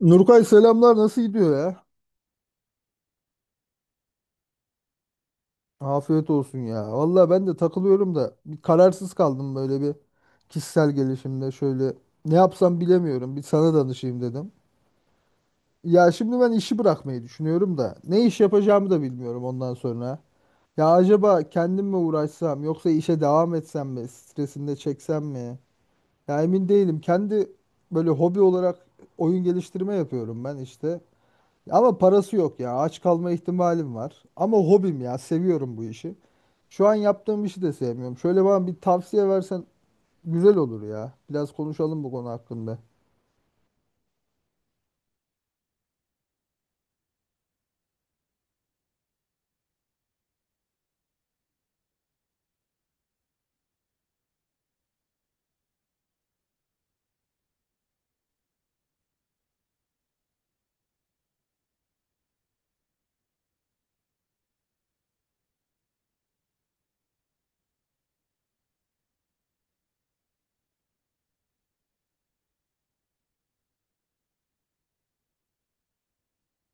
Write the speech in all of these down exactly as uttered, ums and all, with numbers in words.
Nurkay selamlar nasıl gidiyor ya? Afiyet olsun ya. Valla ben de takılıyorum da bir kararsız kaldım böyle bir kişisel gelişimde şöyle ne yapsam bilemiyorum. Bir sana danışayım dedim. Ya şimdi ben işi bırakmayı düşünüyorum da ne iş yapacağımı da bilmiyorum ondan sonra. Ya acaba kendim mi uğraşsam yoksa işe devam etsem mi? Stresini de çeksem mi? Ya emin değilim. Kendi böyle hobi olarak oyun geliştirme yapıyorum ben işte. Ama parası yok ya. Aç kalma ihtimalim var. Ama hobim ya. Seviyorum bu işi. Şu an yaptığım işi de sevmiyorum. Şöyle bana bir tavsiye versen güzel olur ya. Biraz konuşalım bu konu hakkında.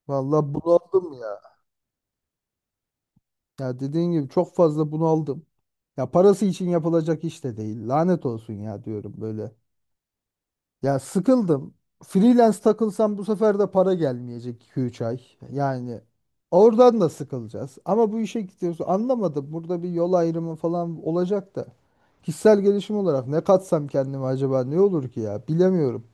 Vallahi bunaldım ya. Ya dediğin gibi çok fazla bunaldım. Ya parası için yapılacak iş de değil. Lanet olsun ya diyorum böyle. Ya sıkıldım. Freelance takılsam bu sefer de para gelmeyecek iki üç ay. Yani oradan da sıkılacağız. Ama bu işe gidiyoruz. Anlamadım. Burada bir yol ayrımı falan olacak da. Kişisel gelişim olarak ne katsam kendime acaba ne olur ki ya? Bilemiyorum.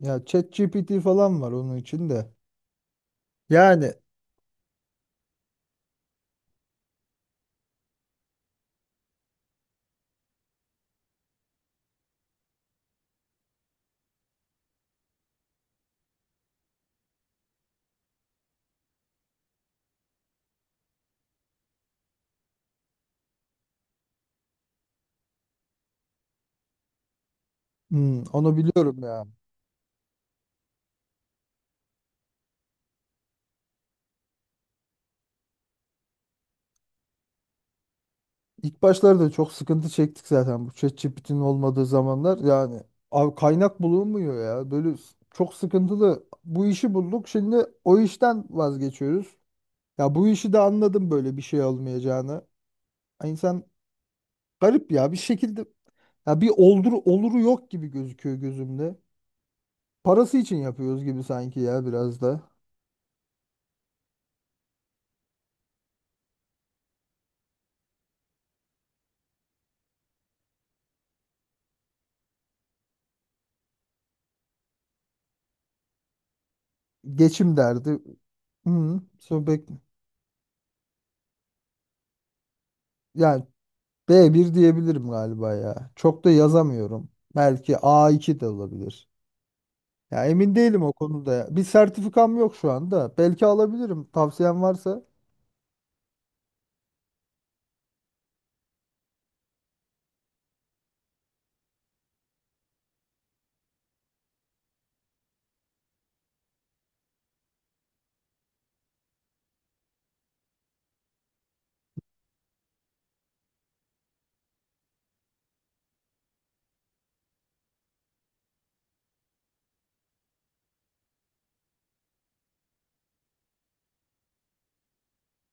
Ya ChatGPT falan var onun içinde. Yani, hmm, onu biliyorum ya. İlk başlarda çok sıkıntı çektik zaten bu ChatGPT'nin olmadığı zamanlar. Yani abi kaynak bulunmuyor ya. Böyle s- çok sıkıntılı. Bu işi bulduk. Şimdi o işten vazgeçiyoruz. Ya bu işi de anladım böyle bir şey olmayacağını. Ay, İnsan garip ya bir şekilde, ya bir oldur oluru yok gibi gözüküyor gözümde. Parası için yapıyoruz gibi sanki ya biraz da. Geçim derdi. Hı, sohbet. Yani b bir diyebilirim galiba ya. Çok da yazamıyorum. Belki a iki de olabilir. Ya emin değilim o konuda. Ya. Bir sertifikam yok şu anda. Belki alabilirim. Tavsiyen varsa.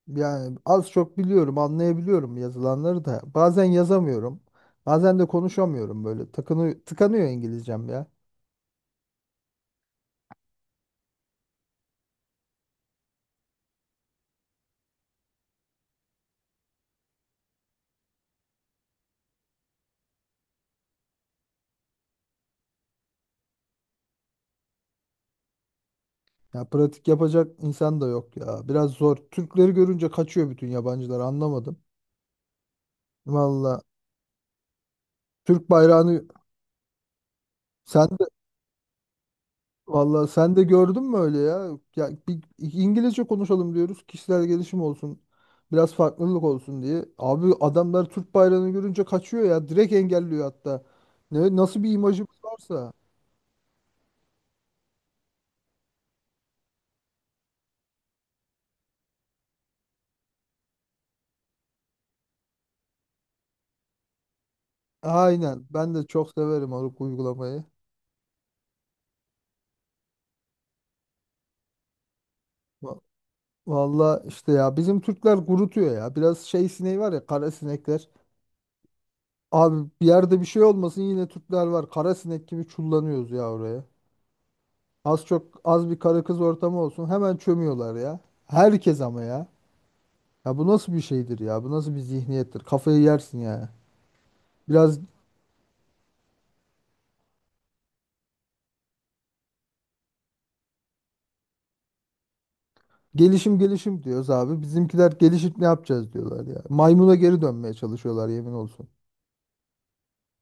Yani az çok biliyorum, anlayabiliyorum yazılanları da. Bazen yazamıyorum. Bazen de konuşamıyorum böyle. Takını, tıkanıyor İngilizcem ya. Ya pratik yapacak insan da yok ya. Biraz zor. Türkleri görünce kaçıyor bütün yabancılar, anlamadım. Valla Türk bayrağını sen Vallahi sen de gördün mü öyle ya? Ya bir İngilizce konuşalım diyoruz. Kişisel gelişim olsun. Biraz farklılık olsun diye. Abi adamlar Türk bayrağını görünce kaçıyor ya. Direkt engelliyor hatta. Ne, nasıl bir imajımız varsa. Aynen. Ben de çok severim o uygulamayı. Va- Vallahi işte ya bizim Türkler gurutuyor ya. Biraz şey sineği var ya, kara sinekler. Abi bir yerde bir şey olmasın, yine Türkler var. Kara sinek gibi çullanıyoruz ya oraya. Az çok az bir karı kız ortamı olsun hemen çömüyorlar ya. Herkes ama ya. Ya bu nasıl bir şeydir ya? Bu nasıl bir zihniyettir? Kafayı yersin ya. Biraz gelişim gelişim diyoruz abi. Bizimkiler gelişip ne yapacağız diyorlar ya. Maymuna geri dönmeye çalışıyorlar, yemin olsun.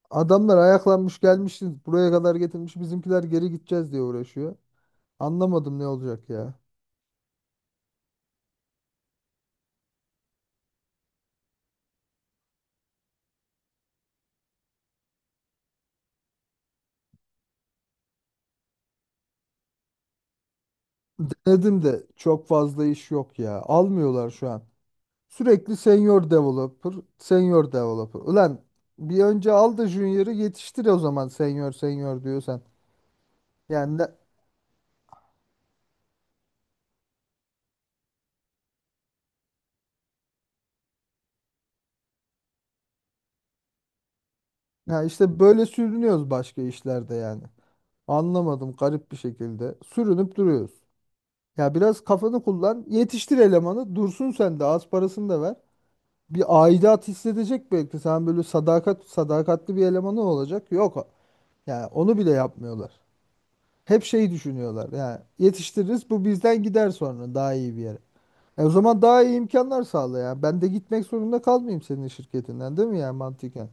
Adamlar ayaklanmış gelmişiz buraya kadar, getirmiş bizimkiler geri gideceğiz diye uğraşıyor. Anlamadım ne olacak ya. Denedim de çok fazla iş yok ya. Almıyorlar şu an. Sürekli senior developer, senior developer. Ulan bir önce al da junior'ı yetiştir o zaman senior senior diyorsan. Yani ne, ya işte böyle sürünüyoruz başka işlerde yani. Anlamadım, garip bir şekilde. Sürünüp duruyoruz. Ya biraz kafanı kullan, yetiştir elemanı, dursun, sen de az parasını da ver. Bir aidat hissedecek belki. Sen böyle sadakat sadakatli bir elemanı olacak. Yok. Yani onu bile yapmıyorlar. Hep şey düşünüyorlar. Yani yetiştiririz bu bizden gider sonra daha iyi bir yere. E o zaman daha iyi imkanlar sağla ya. Ben de gitmek zorunda kalmayayım senin şirketinden, değil mi ya, mantıken?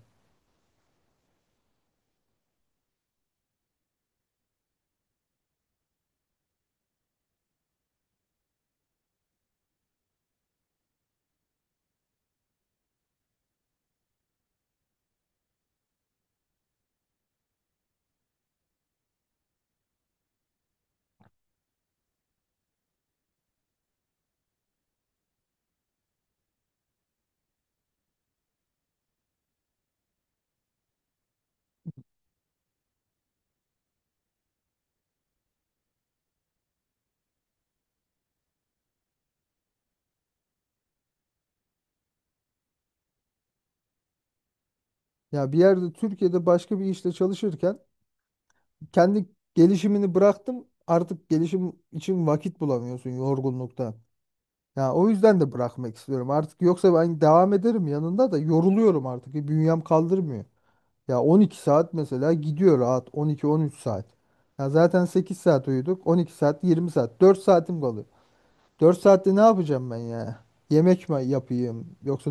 Ya bir yerde Türkiye'de başka bir işte çalışırken kendi gelişimini bıraktım. Artık gelişim için vakit bulamıyorsun yorgunluktan. Ya o yüzden de bırakmak istiyorum. Artık yoksa ben devam ederim yanında da yoruluyorum artık. E, Bünyem kaldırmıyor. Ya on iki saat mesela gidiyor rahat, on iki on üç saat. Ya zaten sekiz saat uyuduk. on iki saat, yirmi saat. Dört saatim kalıyor. Dört saatte ne yapacağım ben ya? Yemek mi yapayım, yoksa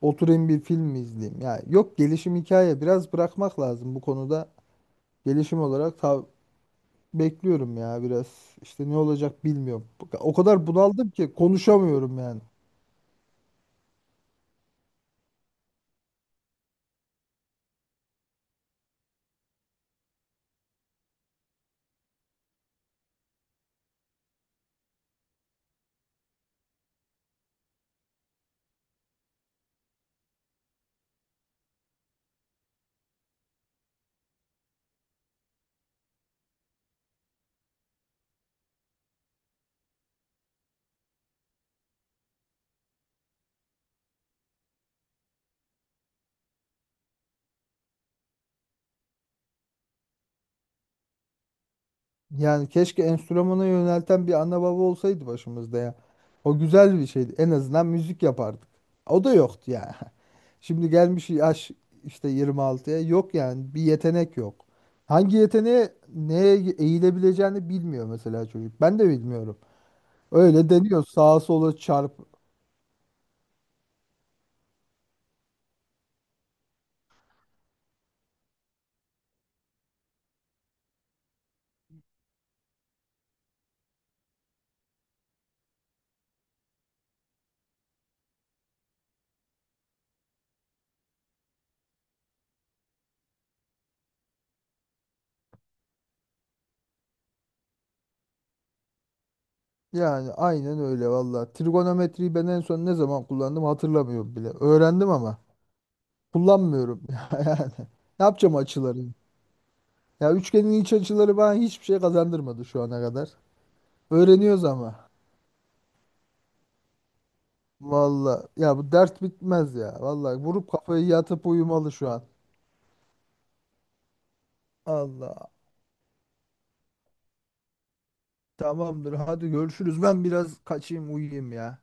oturayım bir film mi izleyeyim? Ya yok, gelişim hikaye, biraz bırakmak lazım bu konuda. Gelişim olarak tav bekliyorum ya biraz. İşte ne olacak bilmiyorum. O kadar bunaldım ki konuşamıyorum yani. Yani keşke enstrümana yönelten bir ana baba olsaydı başımızda ya. O güzel bir şeydi. En azından müzik yapardık. O da yoktu ya. Şimdi gelmiş yaş işte yirmi altıya, yok yani bir yetenek yok. Hangi yeteneğe neye eğilebileceğini bilmiyor mesela çocuk. Ben de bilmiyorum. Öyle deniyor sağa sola çarp. Yani aynen öyle valla. Trigonometriyi ben en son ne zaman kullandım hatırlamıyorum bile. Öğrendim ama kullanmıyorum. Yani ne yapacağım açıları? Ya üçgenin iç açıları bana hiçbir şey kazandırmadı şu ana kadar. Öğreniyoruz ama. Valla ya bu dert bitmez ya. Valla vurup kafayı yatıp uyumalı şu an. Allah. Tamamdır hadi görüşürüz. Ben biraz kaçayım uyuyayım ya.